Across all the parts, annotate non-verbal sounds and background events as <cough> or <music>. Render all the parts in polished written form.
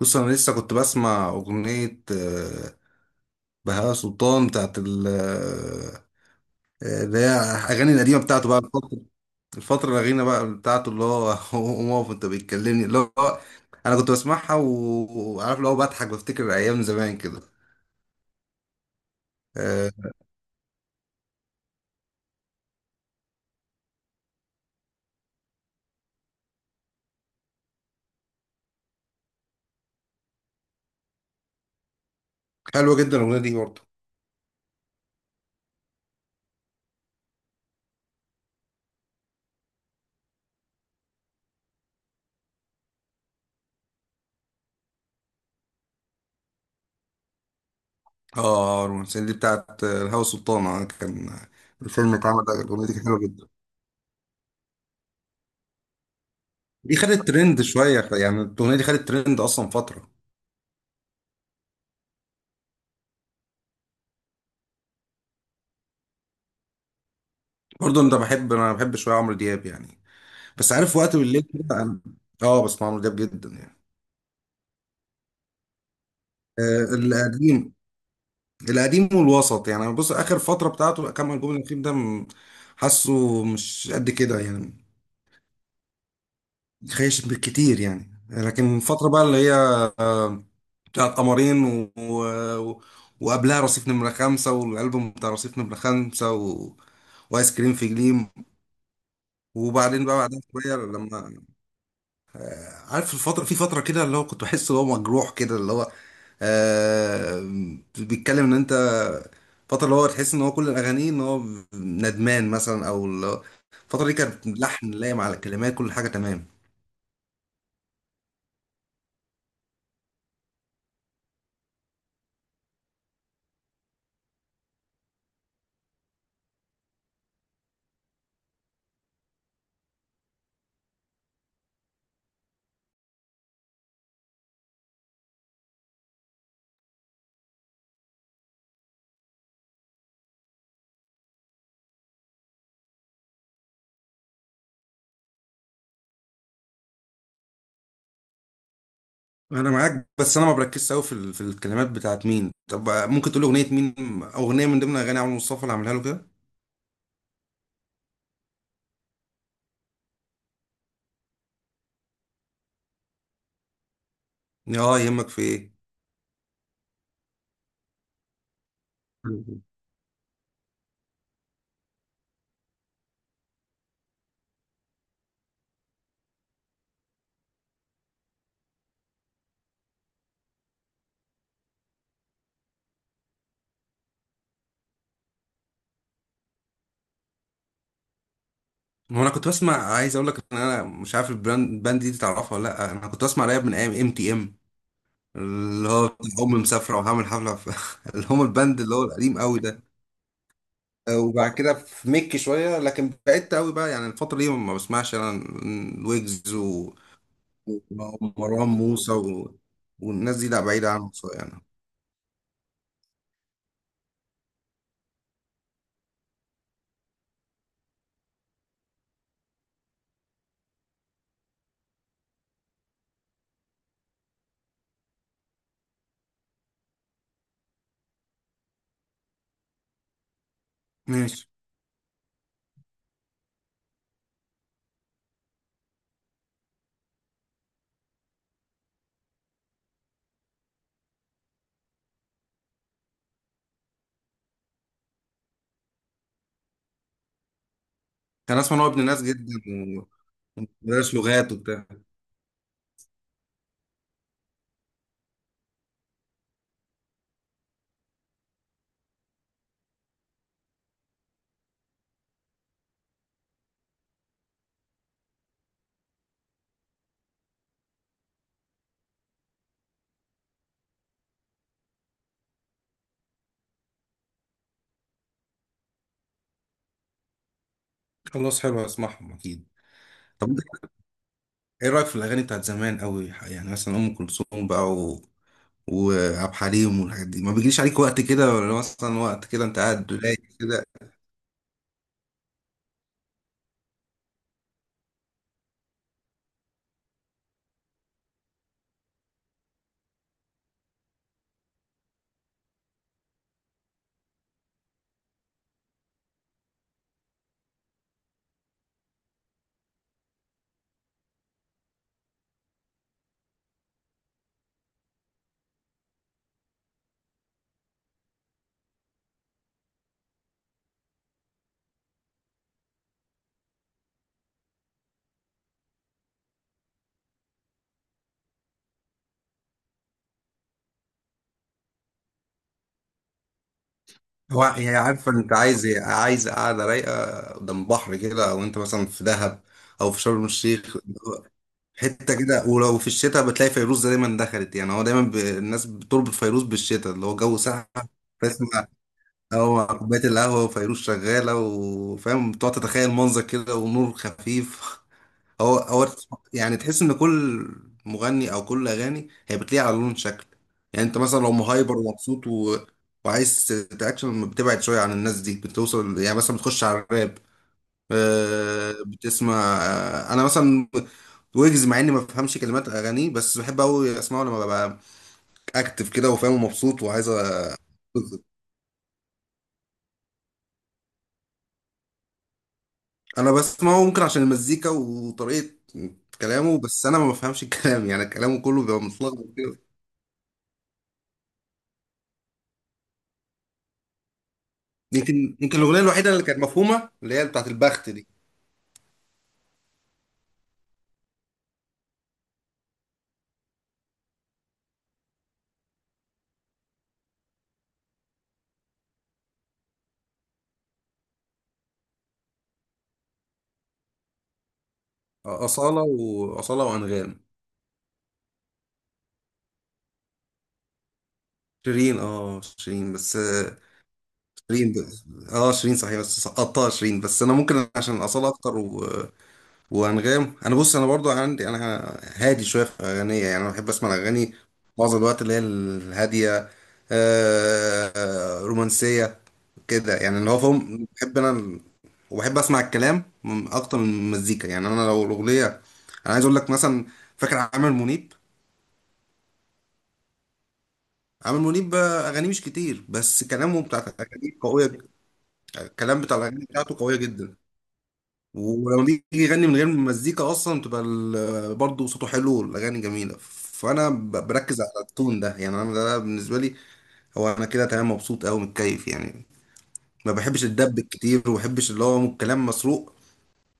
بص، انا لسه كنت بسمع اغنيه بهاء سلطان، بتاعت ال آه، آه، اللي هي اغاني القديمه بتاعته بقى الفتره الاخيره بقى بتاعته، اللي هو <laughs> قوم اقف انت بتكلمني، اللي هو انا كنت بسمعها وعارف اللي هو بضحك، بفتكر ايام زمان كده آه، حلوه جدا الاغنيه دي برضه. اه، رومانسيه دي، بتاعت بهاء سلطان. كان الفيلم اللي اتعمل ده، الاغنيه دي كانت حلوه جدا. دي خدت ترند شويه، يعني الاغنيه دي خدت ترند اصلا فتره. برضه انت بحب، انا بحب شويه عمرو دياب يعني. بس عارف وقت بالليل كده اه، بسمع عمرو دياب جدا يعني. آه، القديم. القديم والوسط، يعني أنا بص اخر فتره بتاعته كام البوم الاخير ده حاسه مش قد كده يعني. خايش بالكتير يعني، لكن الفتره بقى اللي هي بتاعت قمرين و... وقبلها رصيف نمرة 5، والألبوم بتاع رصيف نمرة 5 وآيس كريم في جليم. وبعدين بقى بعدها شوية لما عارف الفترة، في فترة كده اللي هو كنت بحس اللي هو مجروح كده، اللي هو آه بيتكلم ان انت، فترة اللي هو تحس ان هو كل الاغاني ان هو ندمان مثلا، او الفترة دي كانت لحن لايم على الكلمات، كل حاجة تمام. انا معاك، بس انا ما بركزش قوي في في الكلمات بتاعت مين. طب ممكن تقول اغنية مين، اغنية من ضمن اغاني عمرو مصطفى اللي عاملها له كده. اه، يهمك في ايه. هو انا كنت بسمع، عايز اقول لك ان انا مش عارف البراند، الباند دي تعرفها ولا لا؟ انا كنت بسمع راب من ايام MTM، اللي هو بتاع أمي مسافرة، وهعمل حفلة في <laughs> اللي هم البند اللي هو القديم قوي ده. وبعد كده في ميك شوية، لكن بعدت قوي بقى يعني. الفترة دي ما بسمعش أنا، ويجز ومروان موسى والناس دي، لا بعيدة عنهم شوية يعني. ماشي. كان أسمع إن هو ابن ناس جدا ومدرس لغات وبتاع. خلاص، حلو، هسمعهم أكيد. طب أنت، إيه رأيك في الأغاني بتاعت زمان قوي، يعني مثلا أم كلثوم بقى وعبد الحليم والحاجات دي؟ ما بيجيش عليك وقت كده؟ ولا مثلا وقت كده أنت قاعد رايق؟ هو هي عارفة انت عايز ايه؟ عايز قاعدة رايقة قدام بحر كده، او انت مثلا في دهب او في شرم الشيخ، حتة كده. ولو في الشتاء بتلاقي فيروز دايما دخلت، يعني هو دايما الناس بتربط فيروز بالشتاء، اللي هو جو ساقع. تسمع، هو كوباية القهوة وفيروز شغالة، وفاهم بتقعد تتخيل منظر كده، ونور خفيف. هو هو يعني، تحس ان كل مغني او كل اغاني هي بتليق على لون شكل. يعني انت مثلا لو مهايبر ومبسوط وعايز تاكشن، بتبعد شويه عن الناس دي، بتوصل يعني مثلا بتخش على الراب. بتسمع. انا مثلا ويجز، مع اني ما بفهمش كلمات اغانيه، بس بحب قوي اسمعه لما ببقى اكتف كده، وفاهم ومبسوط وعايز انا بسمعه ممكن عشان المزيكا وطريقه كلامه، بس انا ما بفهمش الكلام، يعني كلامه كله بيبقى متلخبط كده. يمكن الاغنيه الوحيده اللي كانت مفهومه اللي هي بتاعت البخت دي. اصاله، وانغام. شيرين، اه شيرين، بس شيرين اه شيرين، صحيح، بس سقطتها شيرين. بس انا ممكن عشان اصاله اكتر وانغام. انا بص، انا برضو عندي انا هادي شويه في اغانيه. يعني انا بحب اسمع الاغاني معظم الوقت اللي هي الهاديه، رومانسيه كده يعني، اللي هو فاهم، بحب انا وبحب اسمع الكلام اكتر من المزيكا. يعني انا لو الاغنيه، انا عايز اقول لك مثلا، فاكر عامر منيب؟ عامر منيب اغانيه مش كتير، بس كلامه بتاعت الاغاني قويه الكلام بتاع الاغاني بتاعته قويه جدا. ولما بيجي يغني من غير مزيكا اصلا تبقى برضه صوته حلو والاغاني جميله. فانا بركز على التون ده. يعني انا ده بالنسبه لي، هو انا كده تمام مبسوط قوي، متكيف يعني. ما بحبش الدب كتير، وما بحبش اللي هو كلام مسروق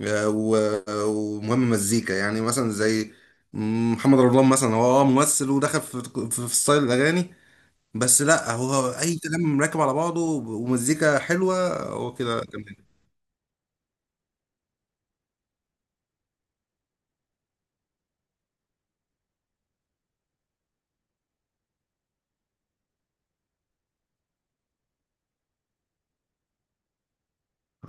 ومهم مزيكا. يعني مثلا زي محمد رمضان مثلا، هو اه ممثل ودخل في ستايل الاغاني، بس لا، هو اي كلام راكب على بعضه ومزيكا حلوه، هو كده تمام.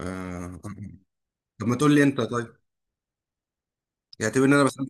آه، طب ما تقول لي انت طيب، يعتبر ان انا بسمع.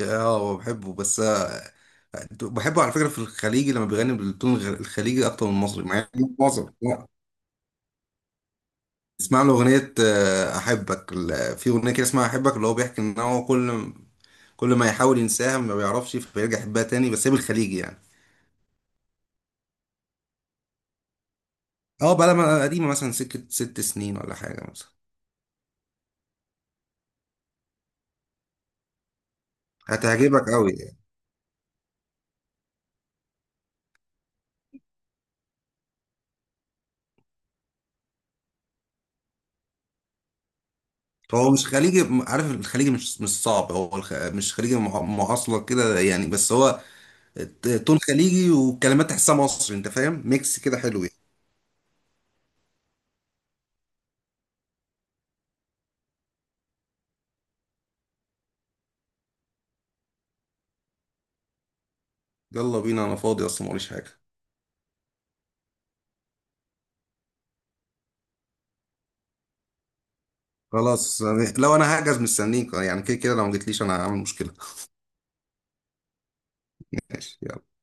اه هو بحبه، بس بحبه على فكرة في الخليجي لما بيغني بالتون الخليجي أكتر من المصري، مع إنه معظم لا. اسمع له أغنية أحبك، في أغنية كده اسمها أحبك، اللي هو بيحكي إن هو كل كل ما يحاول ينساها ما بيعرفش، فبيرجع يحبها تاني، بس هي بالخليجي يعني. اه، بقى لما قديمة مثلا سكة 6 سنين ولا حاجة مثلا، هتعجبك أوي يعني. هو مش خليجي، عارف الخليجي مش مش صعب، هو مش خليجي معاصلة كده يعني، بس هو تون خليجي والكلمات تحسها مصري، انت فاهم، ميكس كده حلو يعني. يلا بينا، انا فاضي اصلا، موريش حاجه. خلاص، يعني لو انا هحجز مستنيك، يعني كده كده لو ما جيتليش انا هعمل مشكله. <laughs> ماشي، يلا.